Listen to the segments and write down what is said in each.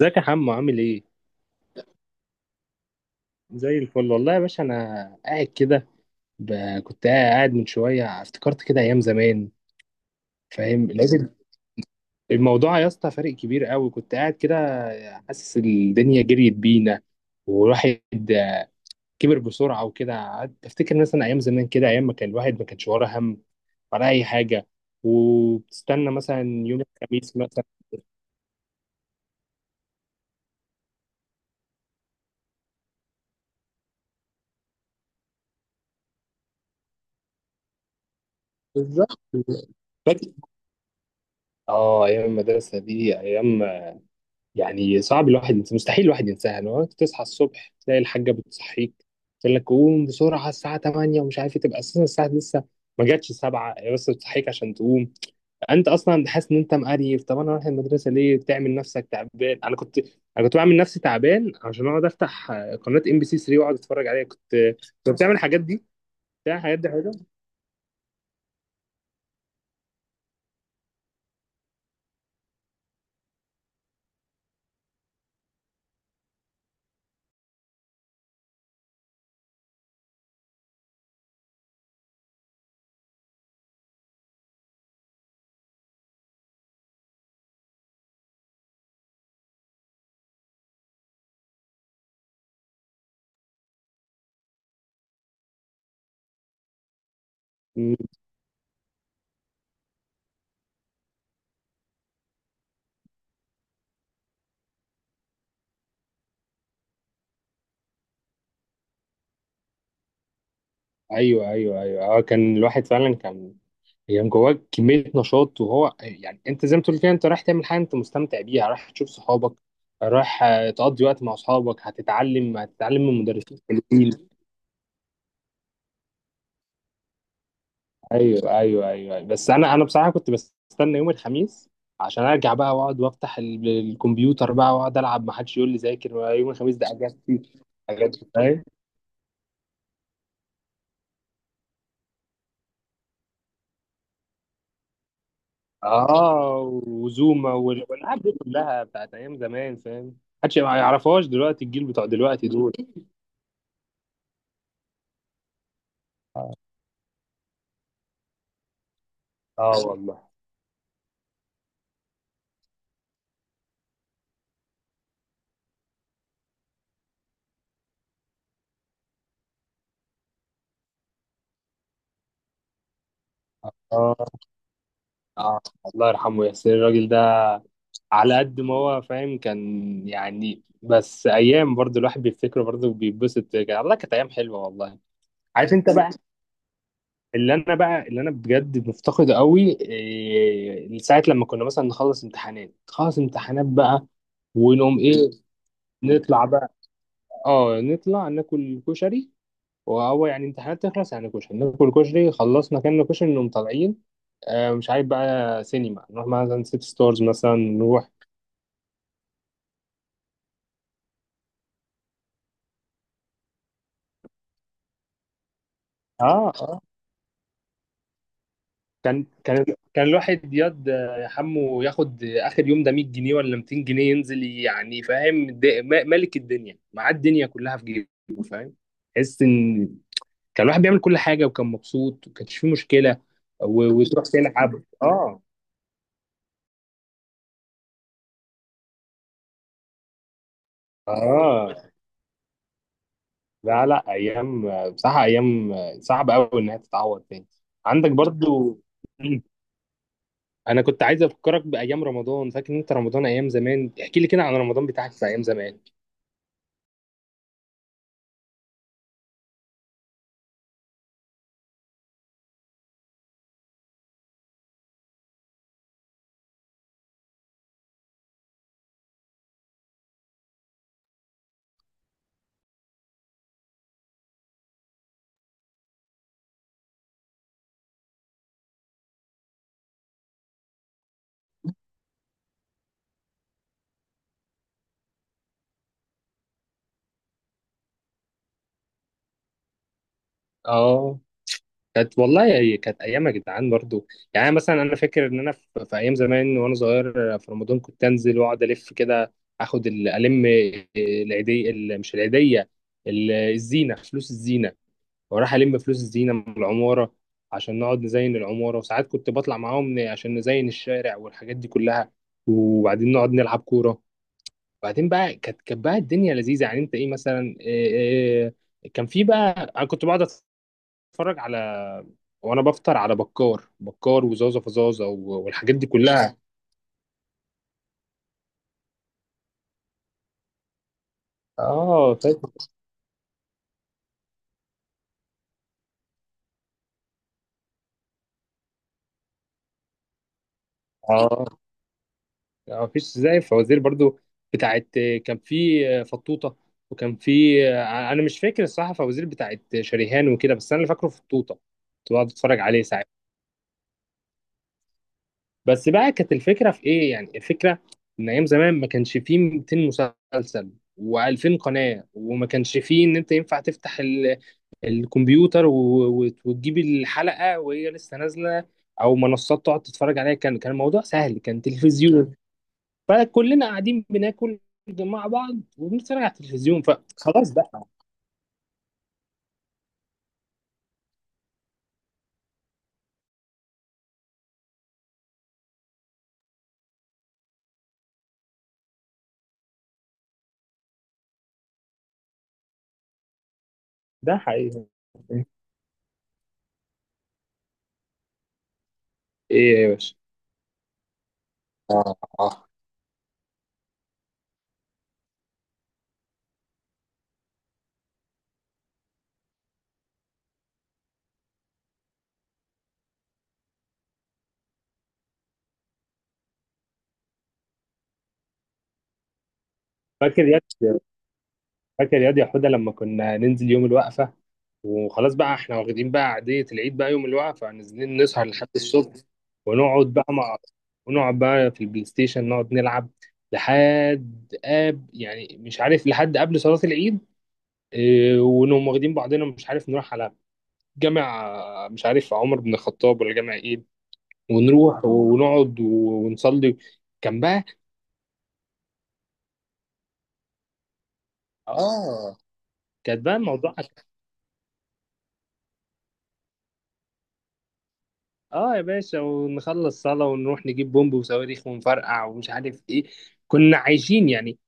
ازيك يا حمو عامل ايه؟ زي الفل والله يا باشا، انا قاعد كده ب... كنت قاعد من شويه افتكرت كده ايام زمان. فاهم، لازم الموضوع يا اسطى فارق كبير قوي. كنت قاعد كده حاسس الدنيا جريت بينا والواحد كبر بسرعه، وكده قعدت افتكر مثلا ايام زمان كده، ايام ما كان الواحد ما كانش وراه هم ولا اي حاجه، وبتستنى مثلا يوم الخميس مثلا. بالظبط. فاكر. اه، ايام المدرسه دي ايام، يعني صعب الواحد ينسى، مستحيل الواحد ينساها. لو تصحى الصبح تلاقي الحاجه بتصحيك تقول لك قوم بسرعه الساعه 8 ومش عارف ايه، تبقى اساسا الساعه لسه ما جاتش 7، هي بس بتصحيك عشان تقوم. انت اصلا حاسس ان انت مقريف، طب انا رايح المدرسه ليه بتعمل نفسك تعبان؟ انا كنت بعمل نفسي تعبان عشان اقعد افتح قناه ام بي سي 3 واقعد اتفرج عليها. كنت بتعمل الحاجات دي، بتعمل الحاجات دي، حاجه. ايوه، ايوه، ايوه، اه، كان الواحد فعلا كان يعني جواه كميه نشاط، وهو يعني انت زي ما تقول كده، انت رايح تعمل حاجه انت مستمتع بيها، رايح تشوف صحابك، رايح تقضي وقت مع اصحابك، هتتعلم من مدرسين حلوين. ايوه، ايوه، ايوه، بس انا بصراحه كنت بستنى يوم الخميس عشان ارجع بقى واقعد وافتح الكمبيوتر بقى واقعد العب، ما حدش يقول لي ذاكر، ولا يوم الخميس ده اجازتي. فاهم. اه، وزوما والالعاب دي كلها بتاعت ايام زمان، فاهم، محدش ما يعرفهاش دلوقتي، الجيل بتوع دلوقتي دول. اه. آه، والله. اه. اه. الله يرحمه ياسر الراجل ده، على قد ما هو فاهم كان يعني. بس ايام برضو الواحد بيفتكره، برضو بيتبسط كده. الله، كانت ايام حلوه والله. عارف انت بقى اللي انا بجد مفتقده قوي إيه؟ ساعه لما كنا مثلا نخلص امتحانات، خلص امتحانات بقى، ونقوم ايه؟ نطلع بقى. اه، نطلع ناكل كشري، وهو يعني امتحانات تخلص يعني كشري، ناكل كشري، خلصنا كنا كشري، نقوم طالعين مش عارف بقى سينما، نروح مثلا سيت ستارز مثلا نروح. اه. اه. كان كان كان الواحد ياض، يا حمو، ياخد اخر يوم ده 100 جنيه ولا 200 جنيه ينزل يعني، فاهم، ملك الدنيا، معاه الدنيا كلها في جيبه، فاهم. تحس ان كان الواحد بيعمل كل حاجه، وكان مبسوط، وكانش فيه مشكله. وتروح تلعب، اه. اه. لا، لا، ايام بصراحه، ايام صعبه قوي انها تتعوض تاني. عندك برضو. انا كنت عايز افكرك بايام رمضان. فاكر انت رمضان ايام زمان؟ احكي لي كده عن رمضان بتاعك في ايام زمان. اه، كانت والله، هي كانت ايام يا جدعان برضو. يعني أنا مثلا انا فاكر ان انا في ايام زمان وانا صغير في رمضان كنت انزل واقعد الف كده، اخد ال- الم العيديه، مش العيديه، الزينه، فلوس الزينه، وراح ألم فلوس الزينة من العمارة عشان نقعد نزين العمارة. وساعات كنت بطلع معاهم عشان نزين الشارع والحاجات دي كلها، وبعدين نقعد نلعب كورة. وبعدين بقى كانت بقى الدنيا لذيذة. يعني أنت إيه مثلا، إيه كان في بقى، أنا كنت بقعد أتفرج على، وأنا بفطر، على بكار، بكار وزازة فزازة والحاجات دي كلها. آه، فاكر. آه، ما فيش زي الفوازير برضو، بتاعت كان في فطوطة، وكان في، انا مش فاكر الصراحة فوازير بتاعت شريهان وكده، بس انا اللي فاكره فطوطة، كنت بقعد اتفرج عليه ساعات. بس بقى كانت الفكرة في ايه؟ يعني الفكرة ان ايام زمان ما كانش فيه 200 مسلسل و2000 قناة، وما كانش فيه ان انت ينفع تفتح الكمبيوتر وتجيب الحلقة وهي لسه نازلة، او منصات تقعد تتفرج عليها. كان الموضوع سهل، كان تلفزيون، فكلنا قاعدين بناكل مع بعض وبنتفرج على التلفزيون، فخلاص ده. ده حقيقي. ايه يا باشا؟ اه. اه. فاكر ياد فاكر ياد يا حوده، لما كنا ننزل يوم الوقفه وخلاص بقى احنا واخدين بقى عاديه العيد، بقى يوم الوقفه نازلين نسهر لحد الصبح، ونقعد بقى مع، ونقعد بقى في البلاي ستيشن نقعد نلعب لحد قاب، يعني مش عارف، لحد قبل صلاه العيد، إيه، ونقوم واخدين بعضنا، مش عارف نروح على جامع، مش عارف عمر بن الخطاب ولا جامع ايه، ونروح ونقعد ونصلي. كان بقى، اه، كانت بقى الموضوع، اه يا باشا، ونخلص صلاة ونروح نجيب بومب وصواريخ ونفرقع ومش عارف ايه. كنا عايشين يعني.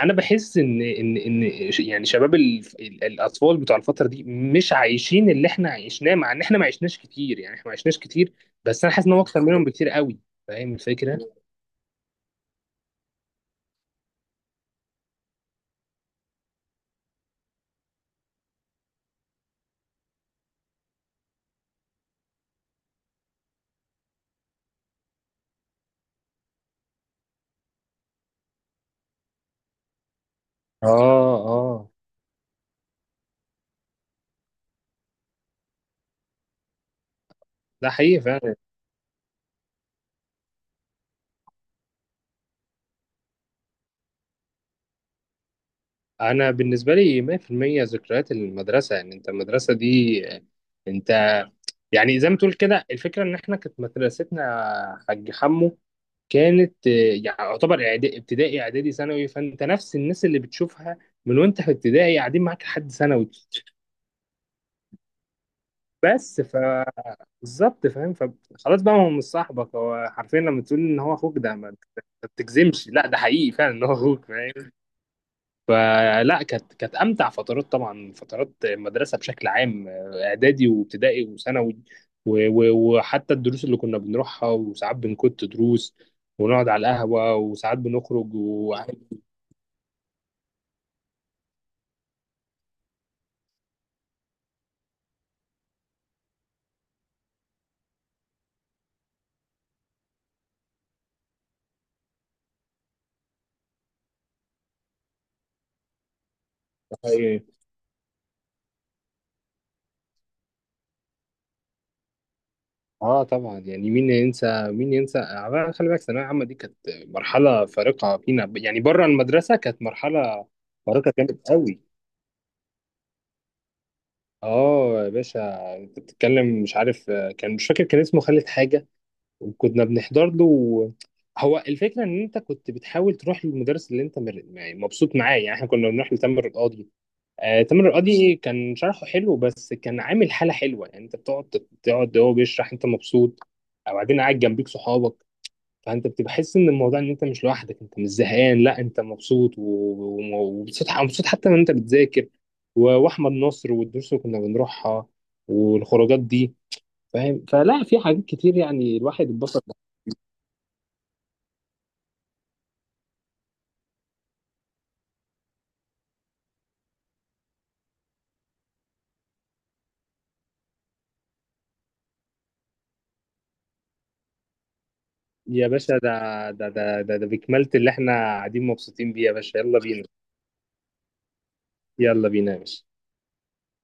انا بحس ان يعني شباب الاطفال بتوع الفترة دي مش عايشين اللي احنا عشناه، مع ان احنا ما عشناش كتير، يعني احنا ما عشناش كتير، بس انا حاسس ان هو اكتر منهم بكتير قوي. فاهم الفكرة؟ اه. اه. ده حقيقي فعلا. انا بالنسبه لي 100% ذكريات المدرسه. يعني انت المدرسه دي، انت يعني زي ما تقول كده، الفكره ان احنا كانت مدرستنا حاج حمو، كانت يعني يعتبر ابتدائي اعدادي ثانوي، فانت نفس الناس اللي بتشوفها من وانت في ابتدائي قاعدين معاك لحد ثانوي. بس ف، بالظبط، فاهم، فخلاص بقى هو مش صاحبك، هو حرفيا لما تقول ان هو اخوك، ده ما بتجزمش، لا، ده حقيقي فعلا ان هو اخوك، فاهم. فلا، كانت امتع فترات طبعا، فترات المدرسه بشكل عام، اعدادي وابتدائي وثانوي، وحتى الدروس اللي كنا بنروحها، وساعات بنكت دروس ونقعد على القهوه، وساعات بنخرج اه، طبعا، يعني مين ينسى، مين ينسى، خلي بالك الثانويه العامه دي كانت مرحله فارقه فينا يعني، بره المدرسه كانت مرحله فارقه، كانت قوي. اه يا باشا، انت بتتكلم، مش عارف كان، مش فاكر كان اسمه خالد حاجه، وكنا بنحضر له هو الفكره ان انت كنت بتحاول تروح للمدرس اللي انت يعني مبسوط معاه، يعني احنا كنا بنروح لتامر القاضي. آه، تامر القاضي كان شرحه حلو بس كان عامل حاله حلوه، يعني انت تقعد هو بيشرح انت مبسوط، او بعدين قاعد جنبيك صحابك، فانت بتبقى حاسس ان الموضوع ان انت مش لوحدك، انت مش زهقان، لا انت مبسوط، ومبسوط مبسوط حتى وانت بتذاكر، واحمد نصر والدروس اللي كنا بنروحها والخروجات دي، فاهم. فلا في حاجات كتير يعني الواحد اتبسط. يا باشا، ده بكمالة اللي احنا قاعدين مبسوطين بيه يا باشا، يلا بينا. يلا بينا يا باشا.